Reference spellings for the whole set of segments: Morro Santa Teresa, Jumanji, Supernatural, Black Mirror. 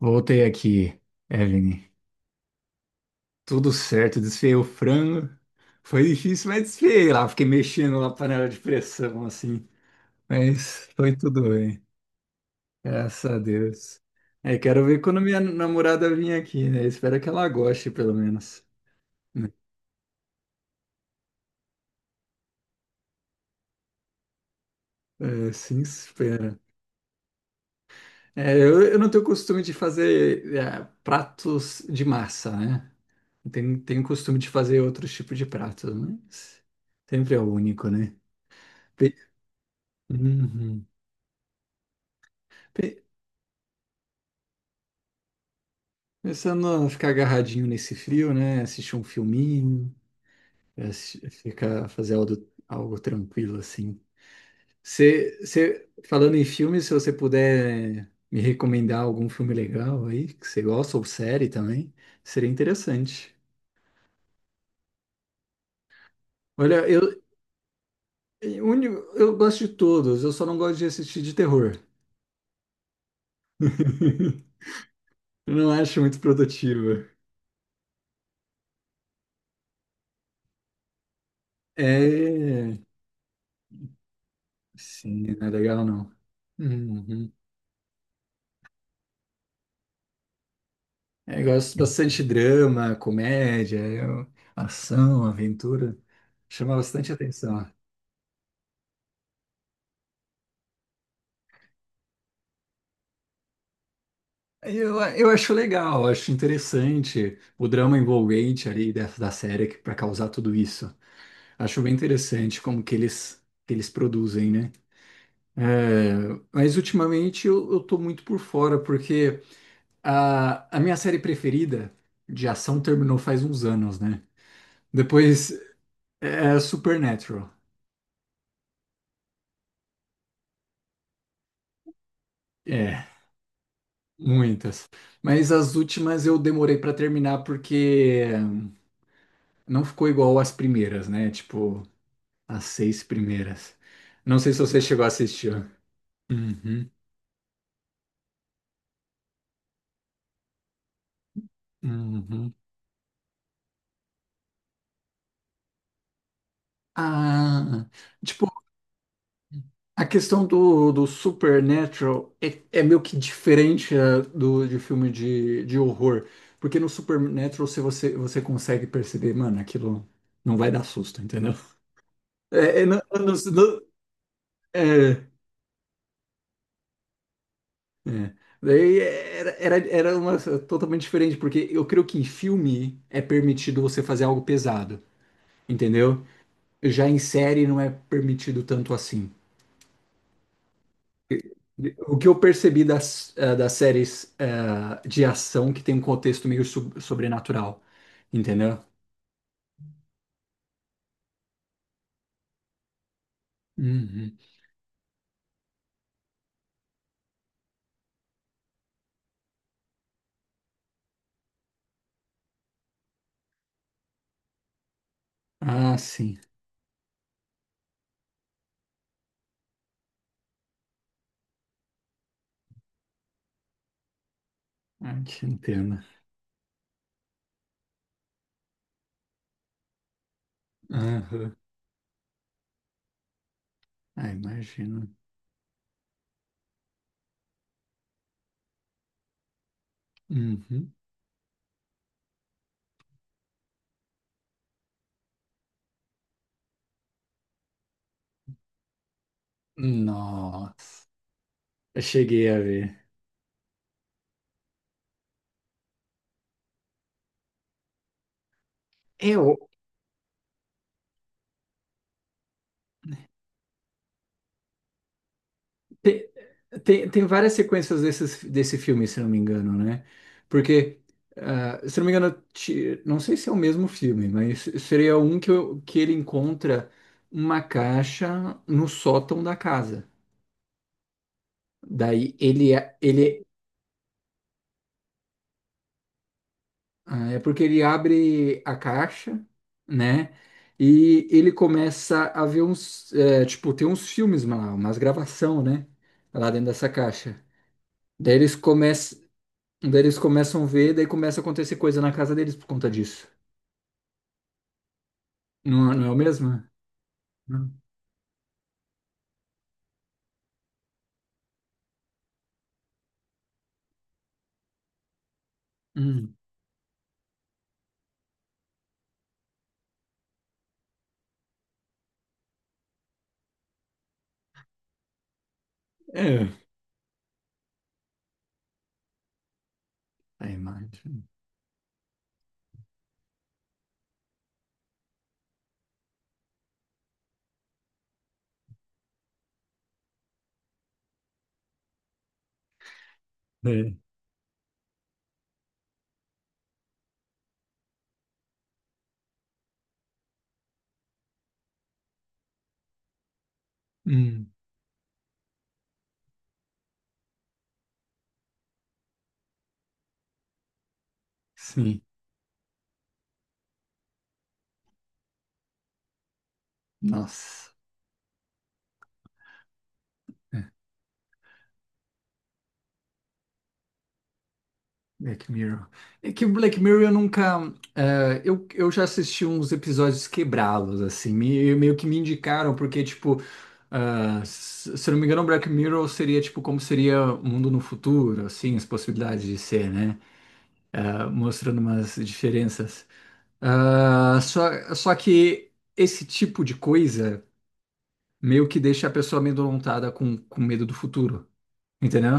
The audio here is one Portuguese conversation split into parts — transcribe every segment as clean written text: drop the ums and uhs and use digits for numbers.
Voltei aqui, Evelyn. Tudo certo, desfiei o frango. Foi difícil, mas desfiei lá. Fiquei mexendo na panela de pressão, assim. Mas foi tudo bem. Graças a Deus. É, quero ver quando minha namorada vir aqui, né? Espero que ela goste, pelo menos. Né? É, sim, espera. É, eu não tenho costume de fazer pratos de massa, né? Eu tenho costume de fazer outros tipos de pratos, mas sempre é o único, né? Pe- Uhum. Pe- Pensando a ficar agarradinho nesse frio, né? Assistir um filminho, ficar, fazer algo, algo tranquilo assim. Falando em filme, se você puder me recomendar algum filme legal aí, que você gosta, ou série também, seria interessante. Olha, eu, uni- eu gosto de todos, eu só não gosto de assistir de terror. Eu não acho muito produtivo. É, sim, não é legal não. Uhum. É, eu gosto bastante de drama, comédia, ação, aventura. Chama bastante atenção. Eu acho legal, acho interessante o drama envolvente ali da série para causar tudo isso. Acho bem interessante como que eles produzem, né? É, mas ultimamente eu tô muito por fora, porque a minha série preferida de ação terminou faz uns anos, né? Depois é Supernatural. É. Muitas. Mas as últimas eu demorei pra terminar porque não ficou igual às primeiras, né? Tipo, as seis primeiras. Não sei se você chegou a assistir. Uhum, uhum. Ah, tipo, a questão do Supernatural é, é meio que diferente do de filme de horror. Porque no Supernatural se você consegue perceber, mano, aquilo não vai dar susto, entendeu? É, é, não- eu não- não- é, É. Daí era uma totalmente diferente, porque eu creio que em filme é permitido você fazer algo pesado, entendeu? Já em série não é permitido tanto assim. O que eu percebi das, das séries de ação que tem um contexto meio sobrenatural, entendeu? Uhum. Ah, sim. Ah, te entendo. Aham. Ah, imagino. Uhum. Nossa, eu cheguei a ver. É, Tem, tem várias sequências desses, desse filme, se não me engano, né? Porque, ah, se não me engano, não sei se é o mesmo filme, mas seria um que, que ele encontra uma caixa no sótão da casa. Daí ele, é, ele, ah, É porque ele abre a caixa, né? E ele começa a ver uns, tipo, tem uns filmes lá, umas gravação, né? Lá dentro dessa caixa. Daí eles começam. Daí eles começam a ver, daí começa a acontecer coisa na casa deles por conta disso. Não, não é o mesmo? Não. Hum. É. A imagem. É. Hum. Sim. Nossa. É. Black Mirror. É que o Black Mirror eu nunca. É, eu já assisti uns episódios quebrá-los, assim. Meio que me indicaram, porque, tipo. Ah, se eu não me engano, Black Mirror seria tipo como seria o mundo no futuro, assim, as possibilidades de ser, né? Ah, mostrando umas diferenças. Ah, só que esse tipo de coisa meio que deixa a pessoa amedrontada com medo do futuro, entendeu?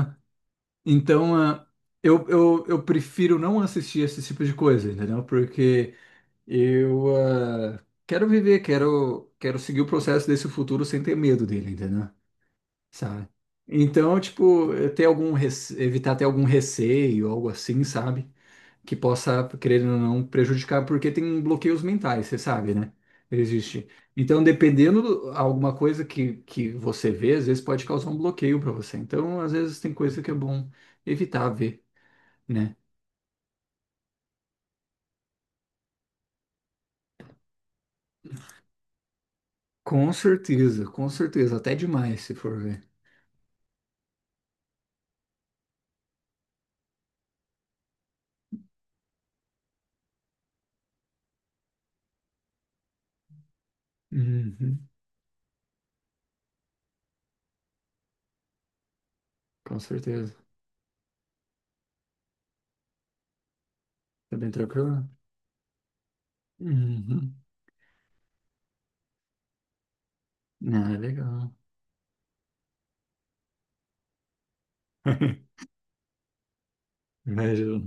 Então, ah, eu prefiro não assistir esse tipo de coisa, entendeu? Porque eu ah, quero viver, quero seguir o processo desse futuro sem ter medo dele, entendeu? Sabe? Então, tipo, ter evitar ter algum receio, algo assim, sabe? Que possa, querendo ou não, prejudicar, porque tem bloqueios mentais, você sabe, né? Existe. Então, dependendo alguma coisa que você vê, às vezes pode causar um bloqueio para você. Então, às vezes tem coisa que é bom evitar ver, né? Com certeza, até demais se for ver. Uhum, com certeza. Tá bem tranquilo? Uhum. Ah, legal. Imagina.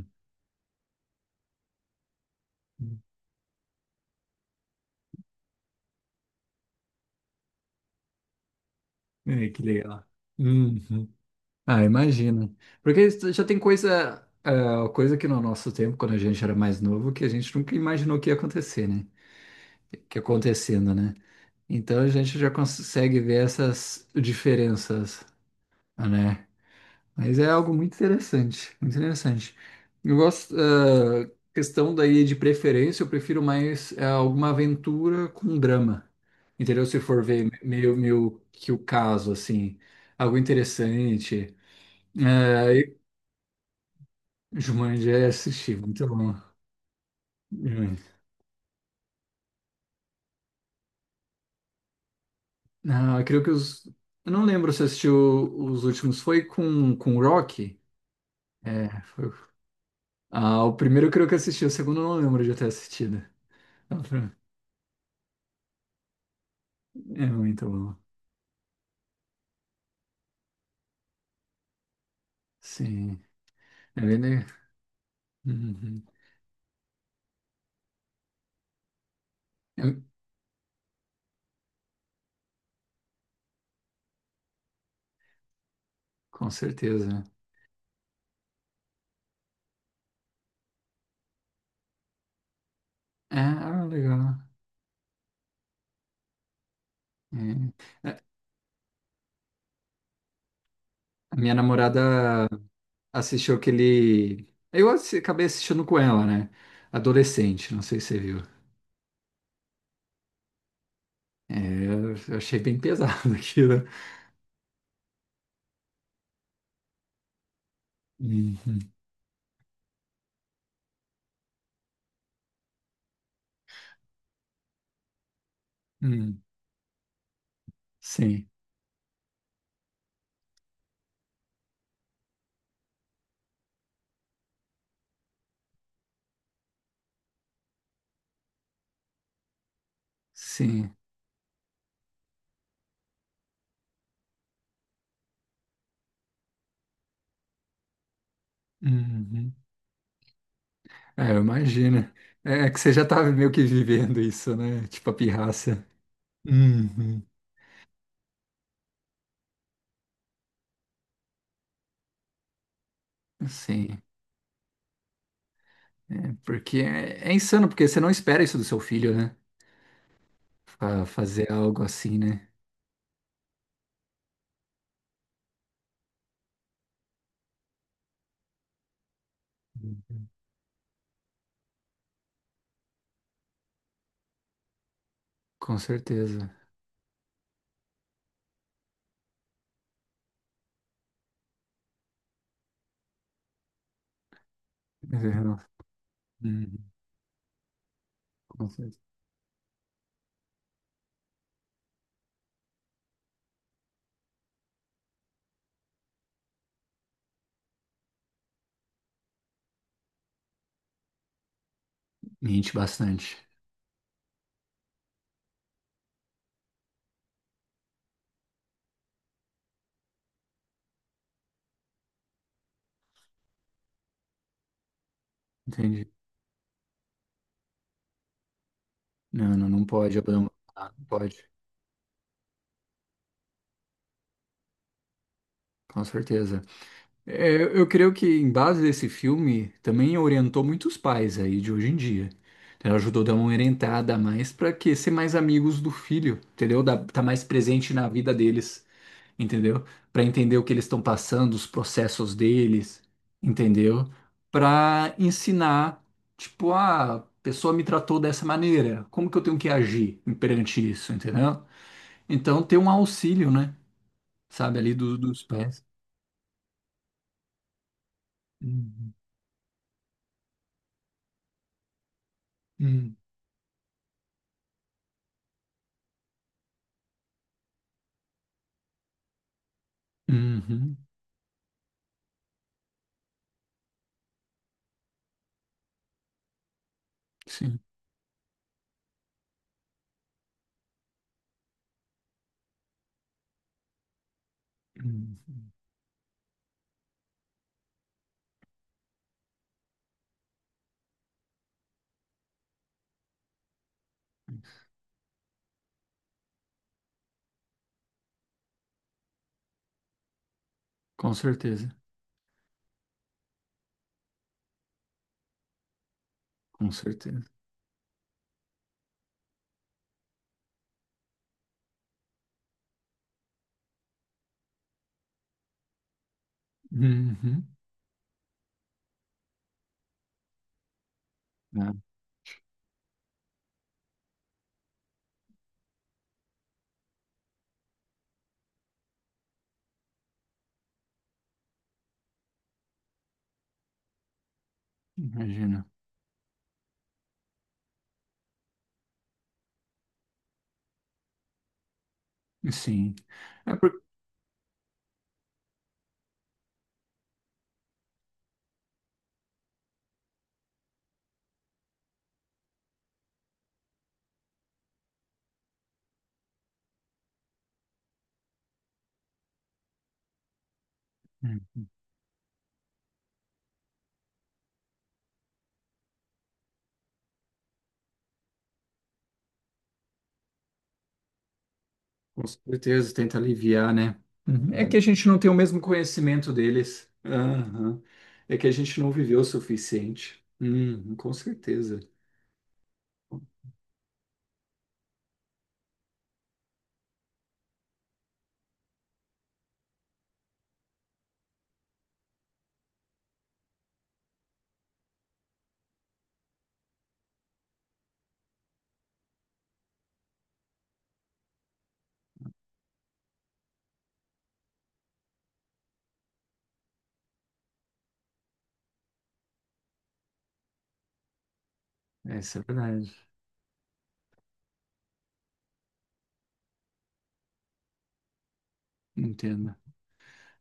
É, que legal. Uhum. Ah, imagino. Porque isso já tem coisa, ah, coisa que no nosso tempo, quando a gente era mais novo, que a gente nunca imaginou que ia acontecer, né? Que acontecendo, né? Então a gente já consegue ver essas diferenças, né? Mas é algo muito interessante, muito interessante. Eu gosto, ah, questão daí de preferência, eu prefiro mais ah, alguma aventura com drama, entendeu? Se for ver meio, meio que o caso, assim, algo interessante. É, Jumanji, é, assisti, muito bom. Jumanji. Ah, eu creio que os. Eu não lembro se assistiu os últimos. Foi com o Rock? É, foi. Ah, o primeiro eu creio que assisti, o segundo eu não lembro de ter assistido. Ah, foi- É muito bom. Sim. É bem le- Uhum. Eu- Com certeza. É, ah, legal. É. A minha namorada assistiu aquele. Acabei assistindo com ela, né? Adolescente, não sei se você viu. Eu achei bem pesado aquilo. Uhum. Hum, sim, sim. Uhum. É, eu imagino. É é que você já estava meio que vivendo isso, né? Tipo a pirraça. Uhum. Sim, é porque é insano, porque você não espera isso do seu filho, né? Fazer algo assim, né? Com certeza. Uhum. Uhum. Com certeza. Mente bastante. Entendi. Não, não, não pode abandonar. Não pode. Com certeza. É, eu creio que em base desse filme também orientou muitos pais aí de hoje em dia. Ela ajudou a dar uma orientada a mais para que ser mais amigos do filho, entendeu? Tá mais presente na vida deles, entendeu? Para entender o que eles estão passando, os processos deles, entendeu? Para ensinar, tipo, ah, a pessoa me tratou dessa maneira, como que eu tenho que agir perante isso, entendeu? Então ter um auxílio, né? Sabe, ali dos pais. Uhum. Uhum. Uhum. Sim, uhum. Com certeza, com certeza. Uhum. Né? Imagina. Sim. É por... Hum. Com certeza, tenta aliviar, né? Uhum. É que a gente não tem o mesmo conhecimento deles. Aham. É que a gente não viveu o suficiente. Uhum, com certeza. Essa é a verdade. Entendo.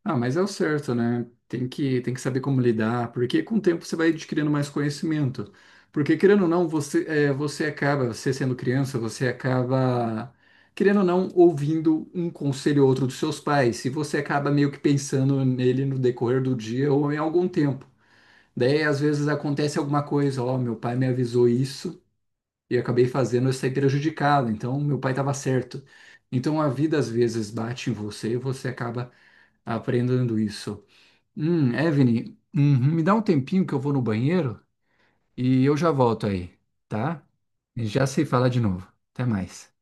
Ah, mas é o certo, né? Tem que saber como lidar, porque com o tempo você vai adquirindo mais conhecimento. Porque, querendo ou não, você sendo criança, você acaba, querendo ou não, ouvindo um conselho ou outro dos seus pais, e você acaba meio que pensando nele no decorrer do dia ou em algum tempo. Daí, às vezes, acontece alguma coisa, ó, meu pai me avisou isso e eu acabei fazendo, eu saí prejudicado, então meu pai estava certo. Então a vida às vezes bate em você e você acaba aprendendo isso. Evelyn, uhum, me dá um tempinho que eu vou no banheiro e eu já volto aí, tá? E já sei falar de novo. Até mais.